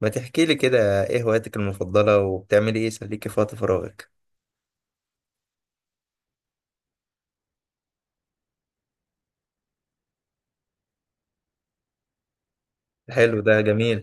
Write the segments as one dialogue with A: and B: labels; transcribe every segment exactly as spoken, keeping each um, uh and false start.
A: ما تحكي لي كده، ايه هواياتك المفضلة وبتعملي ايه يسليكي في وقت فراغك؟ حلو، ده جميل.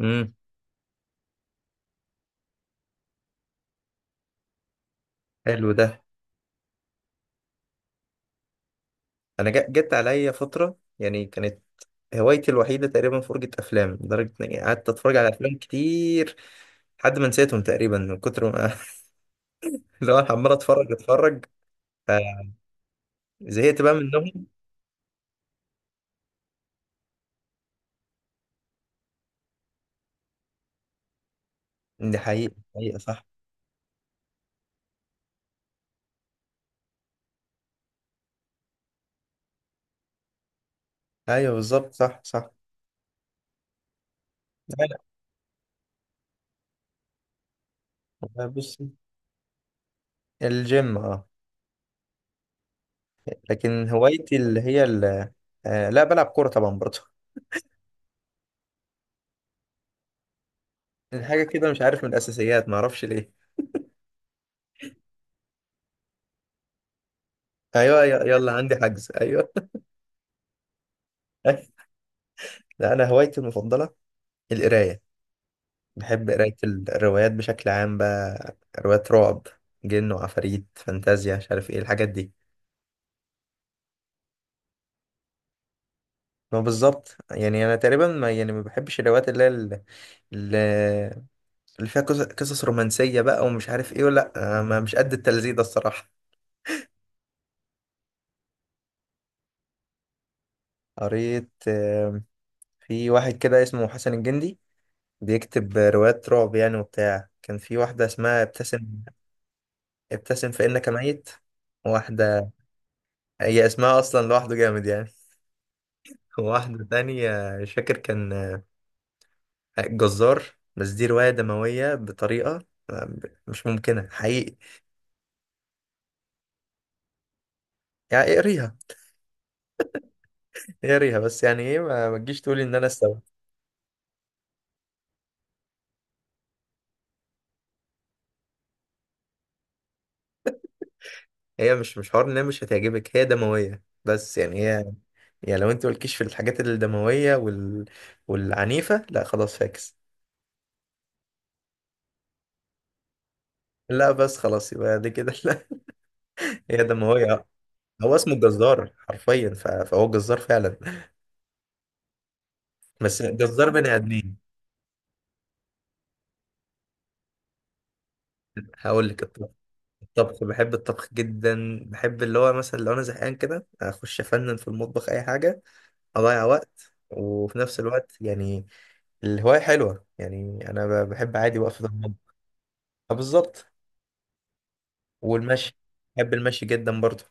A: امم. حلو ده. انا جا- جت عليا فترة، يعني كانت هوايتي الوحيدة تقريبا فرجة افلام لدرجة اني قعدت اتفرج على افلام كتير لحد ما نسيتهم تقريبا من كتر ما اللي هو أنا عمال اتفرج اتفرج، فزهقت بقى منهم. دي حقيقة، حقيقة صح. ايوه، بالظبط، صح صح. لا لا، بص، الجيم اه. لكن هوايتي اللي هي ال- آه، لا بلعب كورة طبعا برضه. حاجة كده، مش عارف من الأساسيات، معرفش ليه. أيوة، ي- يلا عندي حجز، أيوة. لا، أنا هوايتي المفضلة القراية. بحب قراية الروايات بشكل عام، بقى روايات رعب، جن وعفاريت، فانتازيا، مش عارف إيه الحاجات دي. ما بالظبط، يعني أنا تقريبا، ما يعني ما بحبش الروايات اللي هي ال- ال- اللي فيها قصص قصص رومانسية بقى، ومش عارف إيه، ولا أنا ما- مش قد التلذيذ ده الصراحة. قريت آم، في واحد كده اسمه حسن الجندي، بيكتب روايات رعب يعني وبتاع. كان في واحدة اسمها ابتسم ابتسم فإنك ميت. واحدة، هي اسمها أصلا لوحده جامد يعني. واحدة تانية مش فاكر، كان جزار. بس دي رواية دموية بطريقة مش ممكنة حقيقي. يعني اقريها. اقريها بس، يعني ايه، ما ما تجيش تقولي ان انا استوى. هي مش مش حوار ان هي مش هتعجبك، هي دموية بس يعني هي. يعني لو انت مالكيش في الحاجات الدموية وال... والعنيفة، لا خلاص فاكس. لا بس خلاص، يبقى دي كده هي دموية. هو اسمه الجزار حرفيا، ف- فهو جزار فعلا. بس جزار بني ادمين. هقول لك الطبخ. الطبخ، بحب الطبخ جدا، بحب اللي هو مثلا لو انا زهقان كده اخش افنن في المطبخ اي حاجه، اضيع وقت، وفي نفس الوقت يعني الهوايه حلوه يعني. انا ب- بحب عادي وقف في المطبخ. آه، بالظبط. والمشي، بحب المشي جدا برضه.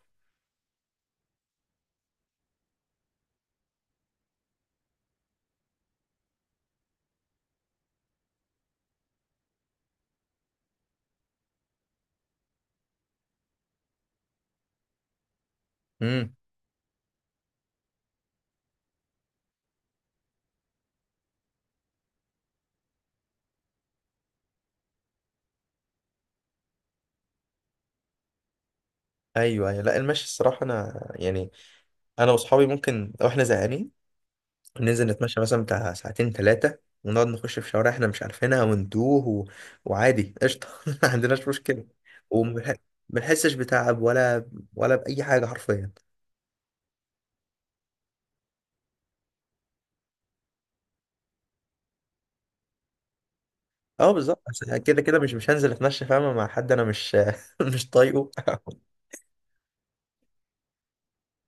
A: امم. ايوه ايوه، لا المشي الصراحه، انا يعني انا واصحابي ممكن، لو احنا زهقانين ننزل نتمشى مثلا بتاع ساعتين ثلاثة، ونقعد نخش في شوارع احنا مش عارفينها وندوه و... وعادي قشطة ما عندناش مشكلة، وما بنحسش بتعب ولا ولا بأي حاجة حرفيا. اه، بالظبط، بس يعني كده كده مش مش هنزل اتمشى، فاهمة، مع حد انا مش مش طايقه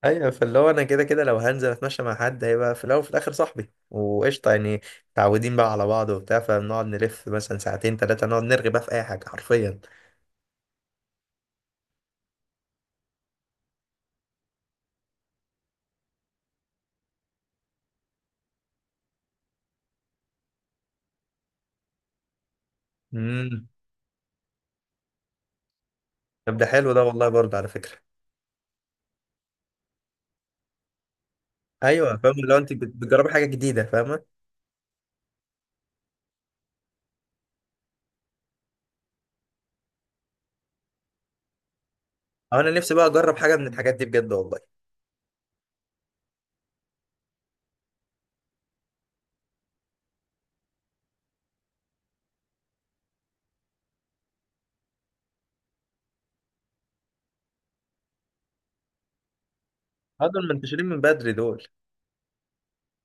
A: ايوه، فاللي هو انا كده كده لو هنزل اتمشى مع حد، هيبقى في الاول وفي الاخر صاحبي، وقشطة يعني. متعودين بقى على بعض وبتاع، فبنقعد نلف مثلا ساعتين ثلاثة، نقعد نرغي بقى في اي حاجة حرفيا. امم. طب ده حلو ده والله، برضه على فكرة. ايوه، فاهم اللي هو انت بت- بتجربي حاجه جديده، فاهمه. أو انا نفسي بقى اجرب حاجه من الحاجات دي بجد والله. آه، دول منتشرين من بدري دول،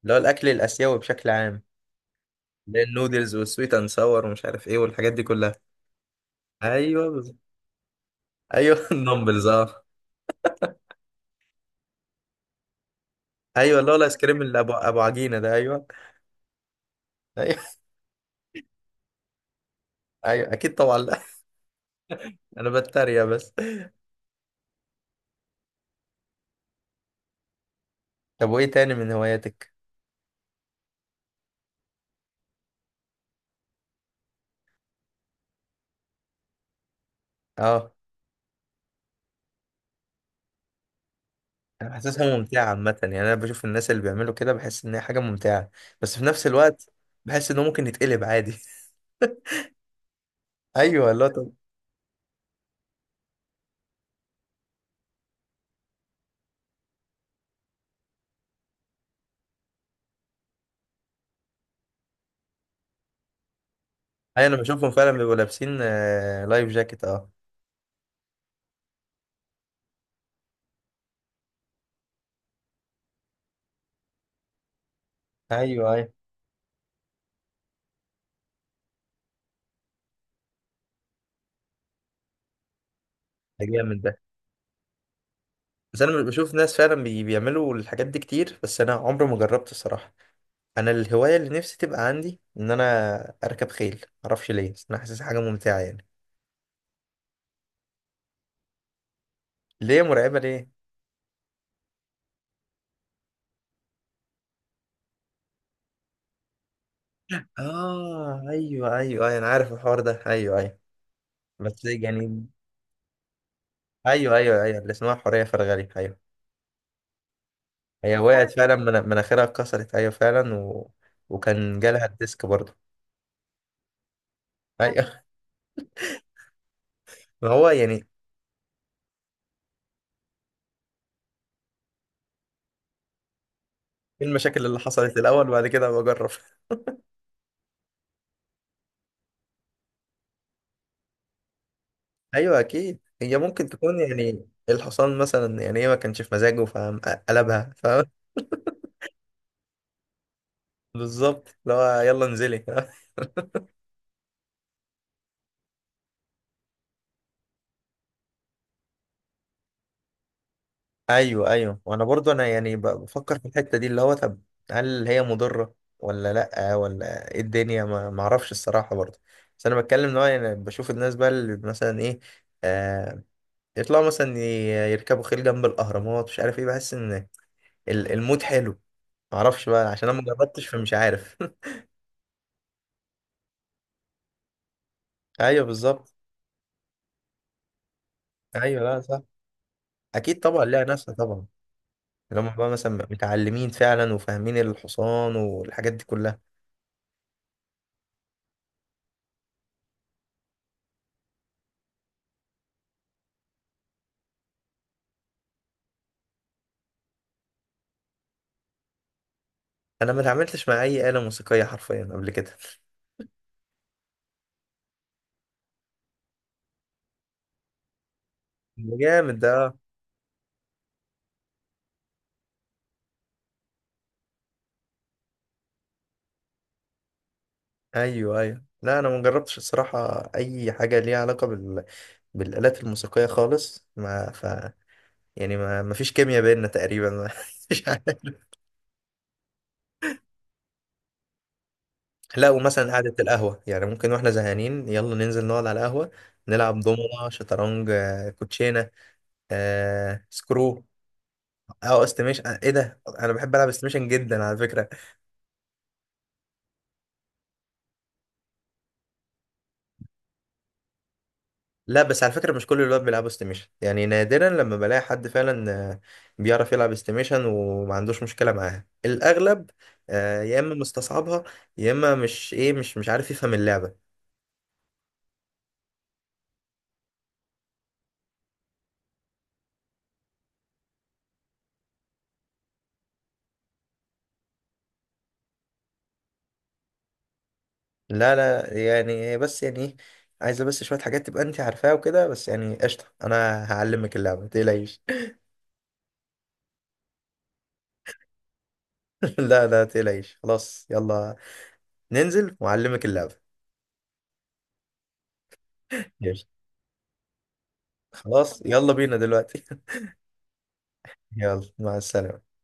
A: اللي هو الاكل الاسيوي بشكل عام، اللي هي النودلز والسويت اند ساور ومش عارف ايه والحاجات دي كلها. ايوه، بز... ايوه النمبلز اه. ايوه، اللي هو الايس كريم اللي ابو ابو عجينه ده، ايوه. ايوه ايوه، اكيد طبعا، لا. انا بتريق بس. طب وايه تاني من هواياتك؟ اه، انا حاسسها ممتعه عامه، يعني انا بشوف الناس اللي بيعملوا كده بحس ان هي حاجه ممتعه، بس في نفس الوقت بحس انه ممكن يتقلب عادي ايوه، لا. ايوه، انا بشوفهم فعلا بيبقوا لابسين آه، لايف جاكيت اه. ايوه ايوه. ده جامد ده. بس انا بشوف ناس فعلا بي- بيعملوا الحاجات دي كتير، بس انا عمري ما جربت الصراحه. انا الهوايه اللي نفسي تبقى عندي ان انا اركب خيل، معرفش ليه، بس انا حاسس حاجه ممتعه يعني. ليه مرعبه، ليه؟ اه، ايوه ايوه ايوه، انا عارف الحوار ده، ايوه ايوه. بس يعني، ايوه ايوه ايوه، اللي اسمها حوريه فرغلي، ايوه. هي وقعت فعلا، من- مناخيرها اتكسرت، ايوه فعلا، و... وكان جالها الديسك برضه. ايوه. ما هو يعني، ايه المشاكل اللي حصلت الاول، بعد كده بجرب. ايوه، اكيد هي ممكن تكون، يعني الحصان مثلا يعني ايه، ما كانش في مزاجه فقلبها، فاهم. بالظبط، اللي هو يلا انزلي ايوه ايوه، وانا برضو انا يعني ب- بفكر في الحته دي، اللي هو طب هل هي مضره ولا لا، ولا ايه الدنيا، ما ما اعرفش الصراحه برضو. بس انا بتكلم ان هو يعني بشوف الناس بقى، اللي مثلا ايه، آه، يطلعوا مثلا ي- يركبوا خيل جنب الاهرامات، مش عارف ايه، بحس ان ال- المود حلو. معرفش بقى عشان انا ما جربتش، فمش عارف ايوه، بالظبط. ايوه، لا صح. اكيد طبعا ليها ناسها طبعا، اللي هم بقى مثلا متعلمين فعلا وفاهمين الحصان والحاجات دي كلها. انا ما اتعاملتش مع اي آلة موسيقية حرفيا قبل كده ده جامد ده. ايوه ايوه، لا انا ما جربتش الصراحة اي حاجة ليها علاقة بال... بالآلات الموسيقية خالص، ما ف يعني ما... ما فيش كيمياء بيننا تقريبا مش عارف. لا، ومثلا قعدة القهوة، يعني ممكن واحنا زهقانين يلا ننزل نقعد على القهوة، نلعب دومنة، شطرنج، آه، كوتشينة، آه، سكرو، او استيميشن. آه، ايه ده، انا بحب العب استيميشن جدا على فكرة. لا، بس على فكرة مش كل الولاد بيلعبوا استيميشن، يعني نادرا لما بلاقي حد فعلا آه، بيعرف يلعب استيميشن وما عندوش مشكلة معاها. الاغلب آه، يا اما مستصعبها، يا اما مش، ايه، مش مش عارف يفهم اللعبة. لا لا، يعني هي بس، يعني ايه، عايزه بس شويه حاجات تبقى انت عارفاها وكده، بس يعني قشطه، انا هعلمك اللعبه، ما تقلقيش. لا لا تقلقيش، خلاص يلا، ننزل واعلمك اللعبه. يلا، خلاص، يلا بينا دلوقتي. يلا، مع السلامه.